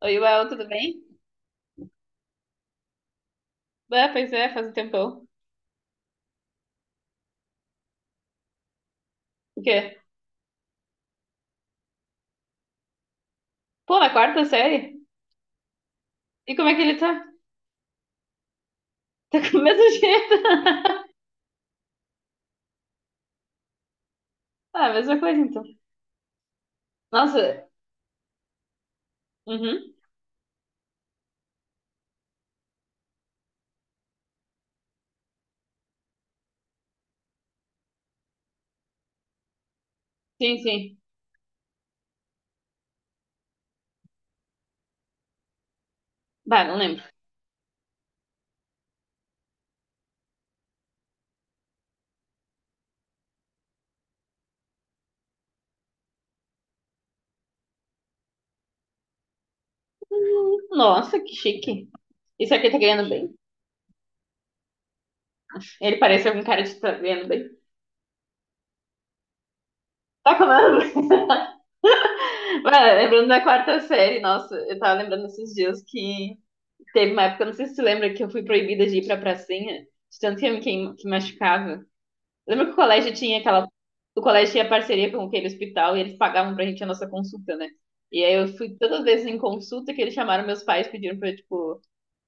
Oi, Uel, tudo bem? Ah, pois é, faz um tempão. O quê? Pô, na quarta série? E como é que ele tá? Tá com o mesmo jeito? Ah, mesma coisa então. Nossa, uhum, sim, sim. Bah, não lembro. Nossa, que chique. Isso aqui tá ganhando bem? Ele parece algum cara de tá ganhando bem. Tá comendo bem. Bah, lembrando da quarta série, nossa, eu tava lembrando esses dias que teve uma época, não sei se você lembra, que eu fui proibida de ir pra pracinha, de tanto que eu que machucava. Lembra que o colégio tinha aquela. O colégio tinha parceria com aquele hospital e eles pagavam pra gente a nossa consulta, né? E aí eu fui todas as vezes em consulta que eles chamaram meus pais, pediram pra eu, tipo,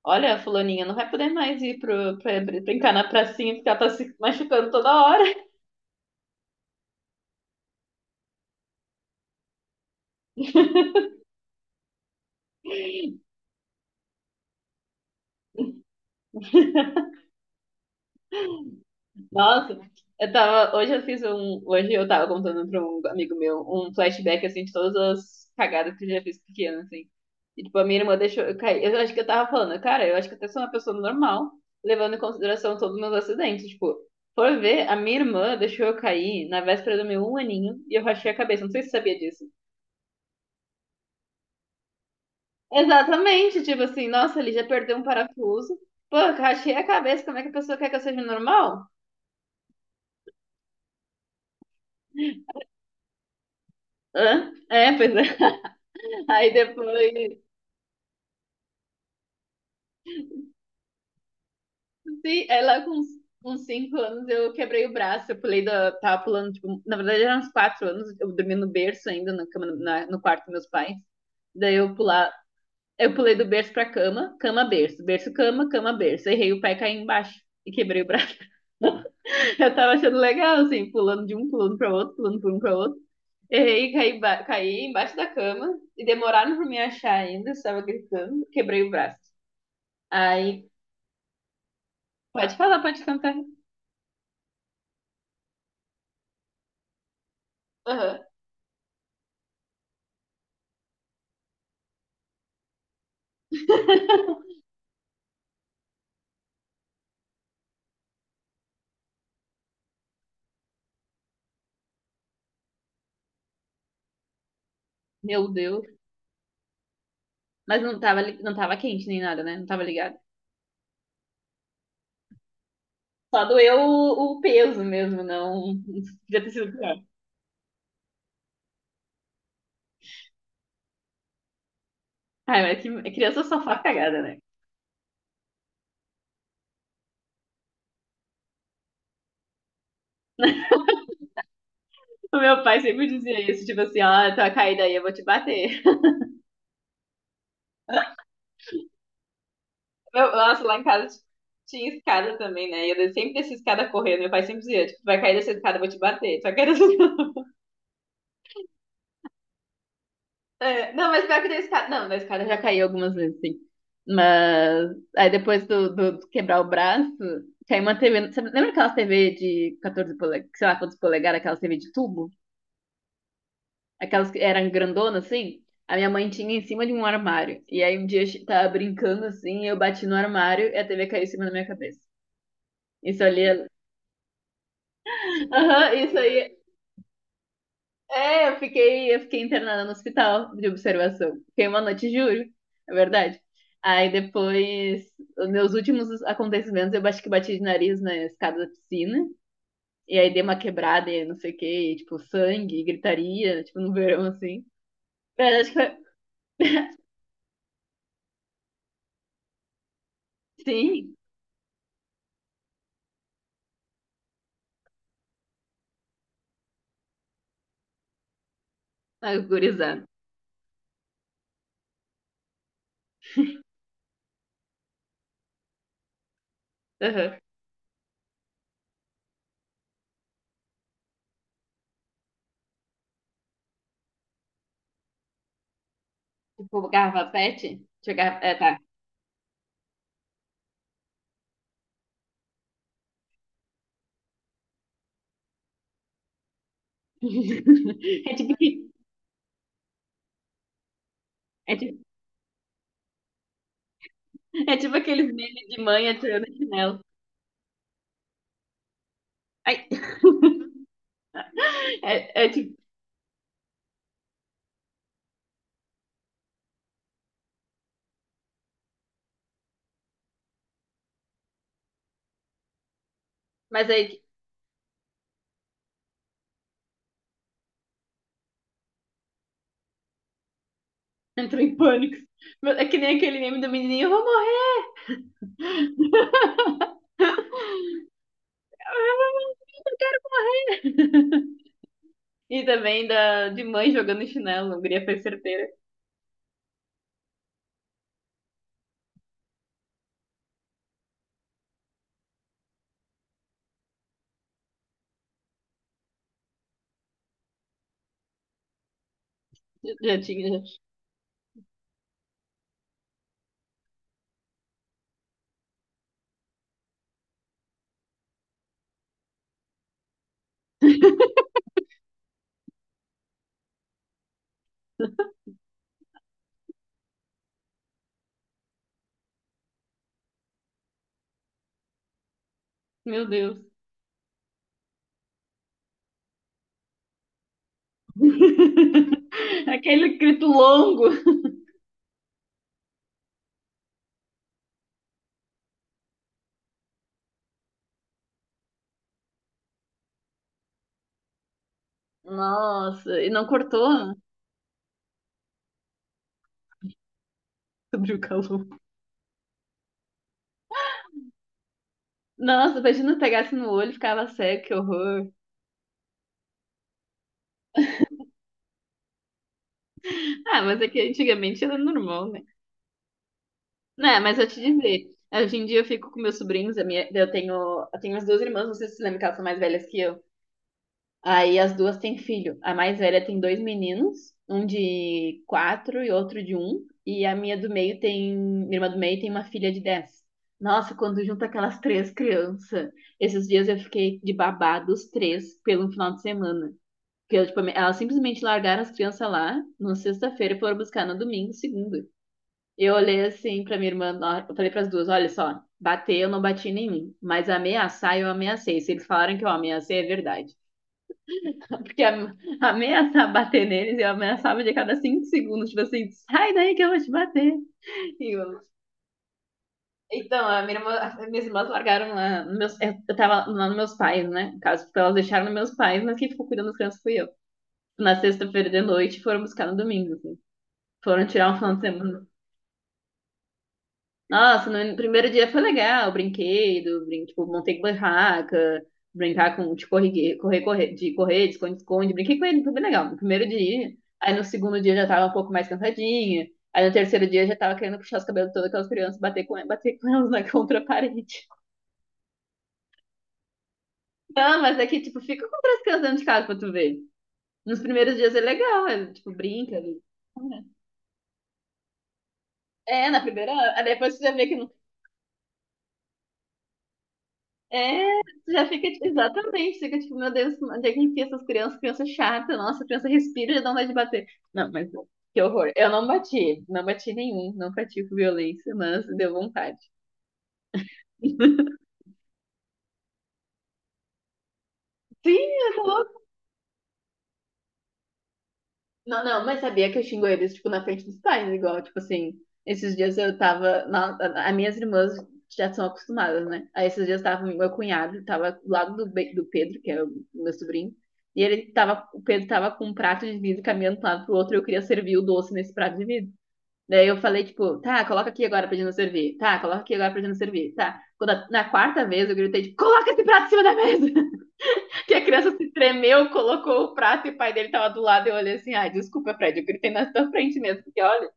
olha, fulaninha, não vai poder mais ir pra brincar na pracinha porque ela tá se machucando toda hora. Nossa, eu tava. Hoje eu fiz um. Hoje eu tava contando pra um amigo meu um flashback assim de todas as cagadas que eu já fiz pequena, assim. E tipo, a minha irmã deixou eu cair. Eu acho que eu tava falando, cara, eu acho que até sou uma pessoa normal, levando em consideração todos os meus acidentes. Tipo, por ver, a minha irmã deixou eu cair na véspera do meu um aninho e eu rachei a cabeça. Não sei se você sabia disso. Exatamente, tipo assim, nossa, ali já perdeu um parafuso. Pô, eu rachei a cabeça, como é que a pessoa quer que eu seja normal? Hã? É, pois é. Aí depois. Sim, aí lá com uns, uns cinco anos eu quebrei o braço, eu pulei da. Tava pulando, tipo, na verdade eram uns quatro anos, eu dormi no berço ainda, na cama, no quarto dos meus pais. Daí eu pular, eu pulei do berço pra cama, cama, berço, berço, cama, cama, berço. Errei o pé e caí embaixo e quebrei o braço. Eu tava achando legal, assim, pulando de um, pulando pra outro, pulando por um pra outro. Errei, caí, caí embaixo da cama e demoraram pra me achar ainda, eu estava gritando, quebrei o braço. Aí, pode falar, pode cantar. Aham. Meu Deus. Mas não tava, não tava quente nem nada, né? Não tava ligado. Só doeu o peso mesmo, não. Podia ter sido pior. Ai, mas que, é criança só faz cagada, né? O meu pai sempre dizia isso, tipo assim, ó, tua caída aí, eu vou te bater. Meu, nossa, lá em casa tinha escada também, né? E eu sempre descia escada correndo. Meu pai sempre dizia, tipo, vai cair dessa escada, eu vou te bater. Só que era assim. É, não, mas pior que da escada. Não, da escada eu já caiu algumas vezes, sim. Mas aí depois do quebrar o braço, caiu uma TV. Lembra aquelas TV de 14 polegadas, sei lá quantos polegadas, aquelas TV de tubo? Aquelas que eram grandonas, assim? A minha mãe tinha em cima de um armário. E aí um dia eu tava brincando assim, eu bati no armário e a TV caiu em cima da minha cabeça. Isso ali é... Aham, isso aí é, eu fiquei internada no hospital de observação. Fiquei uma noite, juro. É verdade. Aí depois, os meus últimos acontecimentos, eu acho que bati de nariz na escada da piscina. E aí dei uma quebrada e não sei o que, tipo, sangue, gritaria, tipo, no verão, assim. Mas acho que foi... Sim, ah, gurizada. Aham. Tipo, garrafa pet? Jogava... É, tá. É tipo, que- é tipo, é tipo aqueles memes de mãe atirando chinelo. Ai. É, é tipo. Mas aí entrou em pânico. É que nem aquele meme do menininho, eu vou morrer! Eu vou morrer! E também de mãe jogando chinelo, a guria foi certeira. Já tinha, já. Meu Deus. Aquele grito longo. Nossa, e não cortou, né? Sobre o calor. Nossa, imagina pegasse no olho e ficava cego, que horror. Ah, mas é que antigamente era normal, né? Né, mas eu te dizer, hoje em dia eu fico com meus sobrinhos, eu tenho as duas irmãs, não sei se você lembra que elas são mais velhas que eu. Aí as duas têm filho. A mais velha tem dois meninos, um de quatro e outro de um. E a minha do meio tem, minha irmã do meio tem uma filha de dez. Nossa, quando junta aquelas três crianças, esses dias eu fiquei de babá dos três pelo final de semana. Porque eu, tipo, elas simplesmente largaram as crianças lá na sexta-feira e foram buscar no domingo, segunda. Eu olhei assim pra minha irmã, eu falei pras duas, olha só, bater eu não bati em mim, mas ameaçar eu ameacei. Se eles falaram que eu ameacei, é verdade. Porque ameaçar bater neles, eu ameaçava de cada cinco segundos, tipo assim, sai daí que eu vou te bater. E eu- Então, as minhas irmãs largaram lá, nos meus, eu tava lá nos meus pais, né? No caso, tipo, elas deixaram nos meus pais, mas quem ficou cuidando das crianças fui eu. Na sexta-feira de noite, foram buscar no domingo, assim. Foram tirar um final de semana. Nossa, no primeiro dia foi legal, brinquedo, brin tipo, montei barraca, brincar com, tipo correr, correr, correr, de esconde-esconde, brinquei com ele, foi bem legal no primeiro dia. Aí no segundo dia já tava um pouco mais cansadinha. Aí no terceiro dia já tava querendo puxar os cabelos de todas aquelas crianças, e bater com elas na contra a parede. Não, mas é que, tipo, fica com três crianças dentro de casa pra tu ver. Nos primeiros dias é legal, é, tipo, brinca. Ali. É, na primeira, aí depois você já vê que é, tu já fica, tipo, exatamente, fica tipo, meu Deus, onde é que enfia essas crianças? Criança chata, nossa, criança respira e já dá vontade de bater. Não, mas que horror. Eu não bati, não bati nenhum, não pratico violência, mas deu vontade. Sim, eu tô. Não, não, mas sabia que eu xingo eles, tipo, na frente dos pais, igual, tipo assim, esses dias eu tava, na, as minhas irmãs já são acostumadas, né? Aí esses dias tava meu cunhado, tava do lado do, do Pedro, que era o meu sobrinho, e ele tava, o Pedro tava com um prato de vidro caminhando de um lado pro outro e eu queria servir o doce nesse prato de vidro. Daí eu falei, tipo, tá, coloca aqui agora pra gente não servir, tá, coloca aqui agora pra gente não servir, tá. Quando na quarta vez eu gritei, tipo, coloca esse prato em cima da mesa! Que a criança se tremeu, colocou o prato e o pai dele tava do lado. E eu olhei assim, ai, desculpa, Fred, eu gritei na tua frente mesmo, porque olha,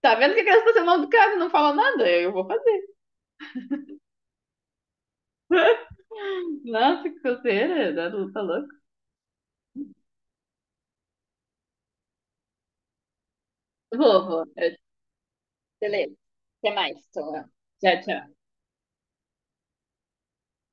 tá vendo que a criança tá sendo mal educada e não fala nada? Eu vou fazer. Nossa, que coceira, tá louco. Vou, vou. Beleza. Até mais. Tchau, tchau.